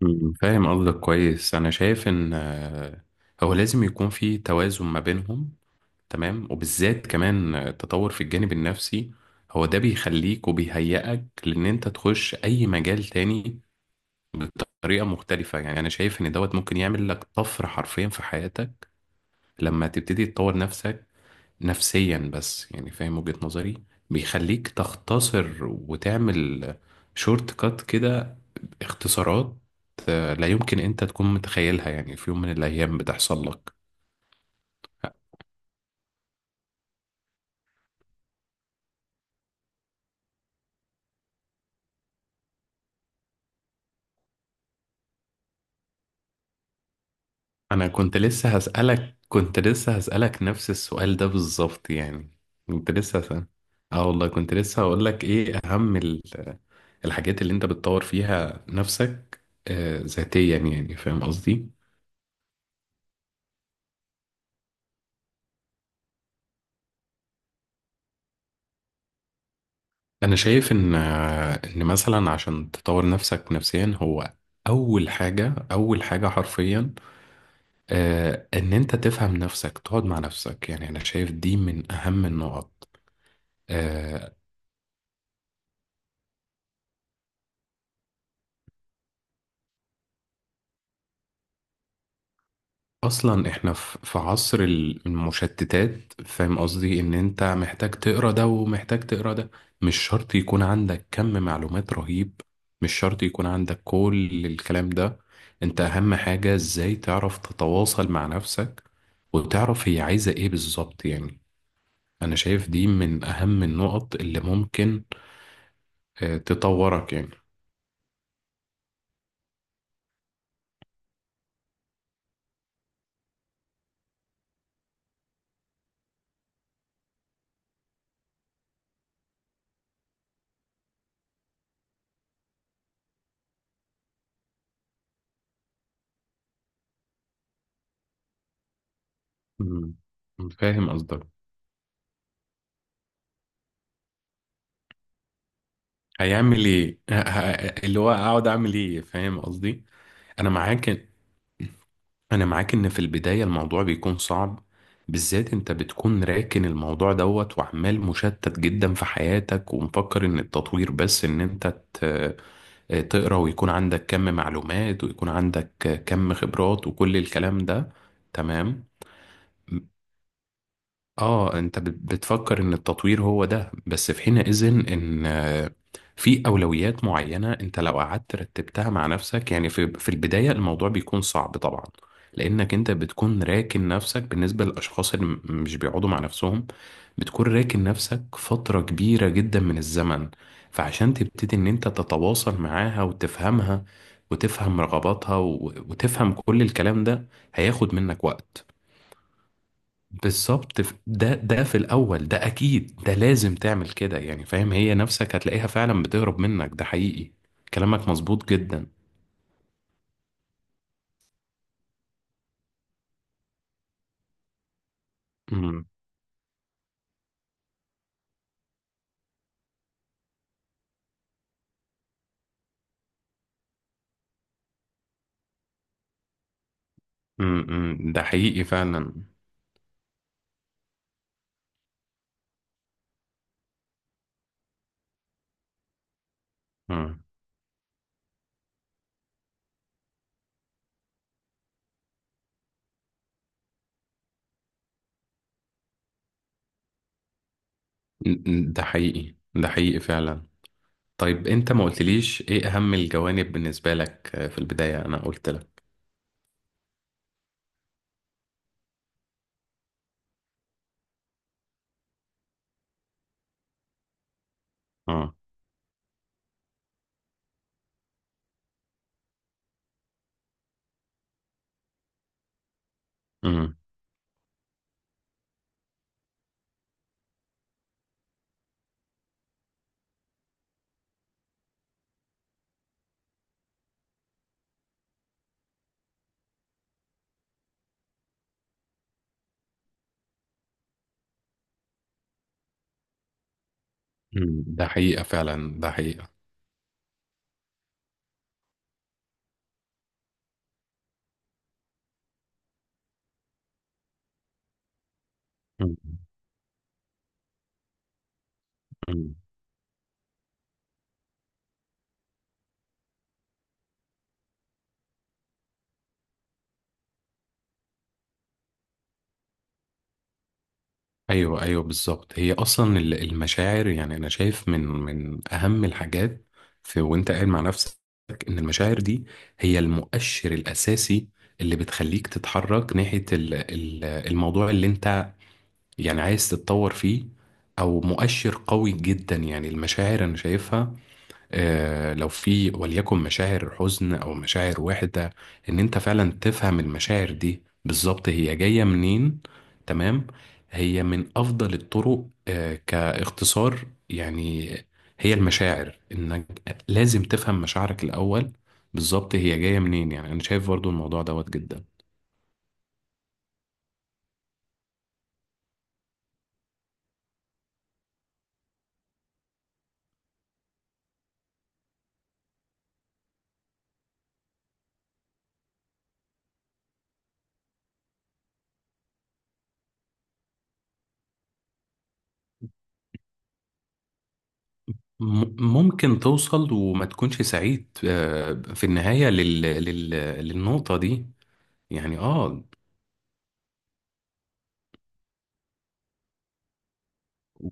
مم، فاهم قصدك كويس. انا شايف ان هو لازم يكون في توازن ما بينهم. تمام، وبالذات كمان التطور في الجانب النفسي هو ده بيخليك وبيهيئك لان انت تخش اي مجال تاني بطريقة مختلفة. يعني انا شايف ان دوت ممكن يعمل لك طفرة حرفيا في حياتك لما تبتدي تطور نفسك نفسيا، بس يعني فاهم وجهة نظري. بيخليك تختصر وتعمل شورت كات كده، اختصارات. لا يمكن انت تكون متخيلها، يعني في يوم من الايام بتحصل لك. انا كنت لسه هسألك نفس السؤال ده بالظبط يعني. كنت لسه هسأل. اه والله كنت لسه هقول لك ايه اهم الحاجات اللي انت بتطور فيها نفسك ذاتيا، يعني فاهم قصدي. أنا شايف إن مثلا عشان تطور نفسك نفسيا، هو أول حاجة، حرفيا، آه، إن أنت تفهم نفسك، تقعد مع نفسك. يعني أنا شايف دي من أهم النقط. آه، اصلا احنا في عصر المشتتات، فاهم قصدي؟ ان انت محتاج تقرا ده ومحتاج تقرا ده، مش شرط يكون عندك كم معلومات رهيب، مش شرط يكون عندك كل الكلام ده. انت اهم حاجة ازاي تعرف تتواصل مع نفسك وتعرف هي عايزة ايه بالظبط يعني. انا شايف دي من اهم النقط اللي ممكن تطورك يعني. مم. فاهم قصدك. هيعمل ايه اللي هو اقعد اعمل ايه، فاهم قصدي؟ انا معاك انا معاك ان في البداية الموضوع بيكون صعب، بالذات انت بتكون راكن الموضوع دوت وعمال مشتت جدا في حياتك، ومفكر ان التطوير بس ان انت ت- تقرا، ويكون عندك كم معلومات ويكون عندك كم خبرات وكل الكلام ده. تمام. اه انت بتفكر ان التطوير هو ده بس، في حينئذ ان في اولويات معينه، انت لو قعدت رتبتها مع نفسك يعني، في البدايه الموضوع بيكون صعب طبعا، لانك انت بتكون راكن نفسك. بالنسبه للاشخاص اللي مش بيقعدوا مع نفسهم، بتكون راكن نفسك فتره كبيره جدا من الزمن، فعشان تبتدي ان انت تتواصل معاها وتفهمها وتفهم رغباتها وتفهم كل الكلام ده هياخد منك وقت. بالظبط، ده في الاول ده اكيد، ده لازم تعمل كده يعني، فاهم؟ هي نفسك هتلاقيها فعلا بتهرب منك، ده حقيقي. كلامك مظبوط جدا. امم ده حقيقي فعلا. امم ده حقيقي، ده حقيقي فعلا. طيب انت ما قلتليش ايه اهم الجوانب بالنسبة لك، في البداية انا قلت لك. اه. امم. أمم. ده حقيقة فعلا، ده حقيقة. امم. امم. ايوه ايوه، بالظبط. هي اصلا المشاعر، يعني انا شايف من اهم الحاجات في وانت قاعد مع نفسك ان المشاعر دي هي المؤشر الاساسي اللي بتخليك تتحرك ناحيه الموضوع اللي انت يعني عايز تتطور فيه، او مؤشر قوي جدا. يعني المشاعر انا شايفها، لو في وليكن مشاعر حزن او مشاعر وحدة، ان انت فعلا تفهم المشاعر دي بالظبط هي جاية منين. تمام. هي من افضل الطرق كاختصار يعني، هي المشاعر، انك لازم تفهم مشاعرك الاول بالظبط هي جاية منين. يعني انا شايف برضو الموضوع دوت جدا. ممكن توصل وما تكونش سعيد في النهاية للنقطة دي يعني. اه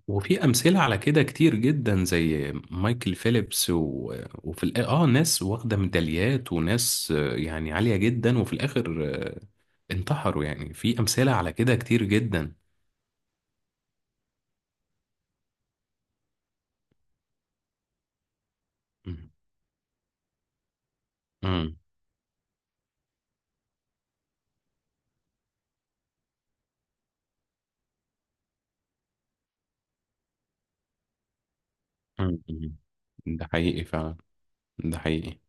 وفي امثله على كده كتير جدا، زي مايكل فيليبس و... اه ناس واخده ميداليات، وناس يعني عاليه جدا، وفي الاخر انتحروا، يعني في امثله على كده كتير جدا. مم. مم. مم. مم. ده حقيقي فعلا، ده حقيقي.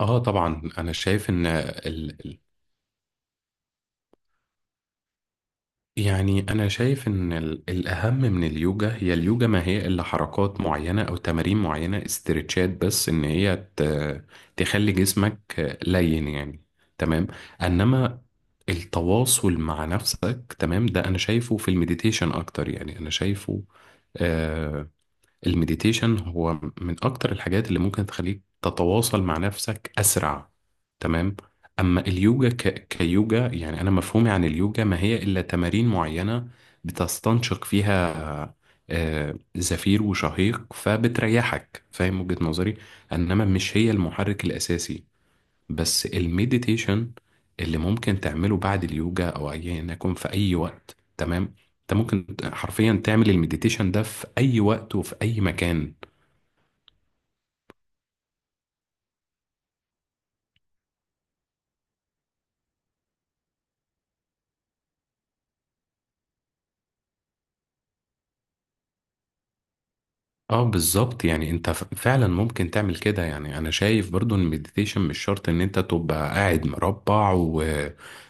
اه طبعا، انا شايف ان يعني أنا شايف إن الأهم من اليوجا، هي اليوجا ما هي إلا حركات معينة أو تمارين معينة، استرتشات بس، إن هي تخلي جسمك لين يعني. تمام. إنما التواصل مع نفسك، تمام، ده أنا شايفه في المديتيشن أكتر. يعني أنا شايفه آه، المديتيشن هو من أكتر الحاجات اللي ممكن تخليك تتواصل مع نفسك أسرع. تمام. أما اليوجا كيوجا، يعني أنا مفهومي عن اليوجا ما هي إلا تمارين معينة بتستنشق فيها زفير وشهيق، فبتريحك، فاهم وجهة نظري؟ إنما مش هي المحرك الأساسي، بس المديتيشن اللي ممكن تعمله بعد اليوجا او ايا يكن في اي وقت. تمام. انت ممكن حرفيا تعمل المديتيشن ده في اي وقت وفي اي مكان. اه بالظبط، يعني انت فعلا ممكن تعمل كده. يعني انا شايف برضو ان المديتيشن مش شرط ان انت تبقى قاعد مربع و...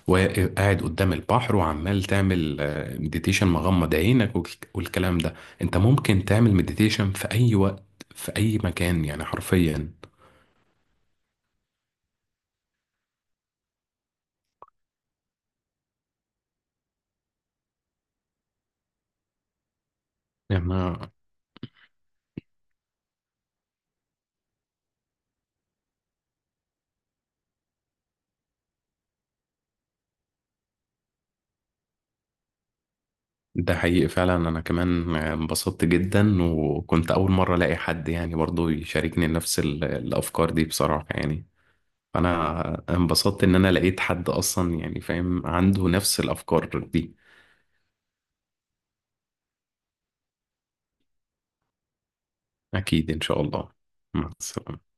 وقاعد قدام البحر وعمال تعمل مديتيشن مغمض عينك والكلام ده. انت ممكن تعمل مديتيشن في اي وقت في اي مكان يعني حرفيا. يعني ده حقيقي فعلا. انا كمان انبسطت جدا، وكنت اول مره الاقي حد يعني برضو يشاركني نفس الافكار دي بصراحه يعني. فانا انبسطت ان انا لقيت حد اصلا يعني فاهم عنده نفس الافكار دي. اكيد ان شاء الله. مع السلامه.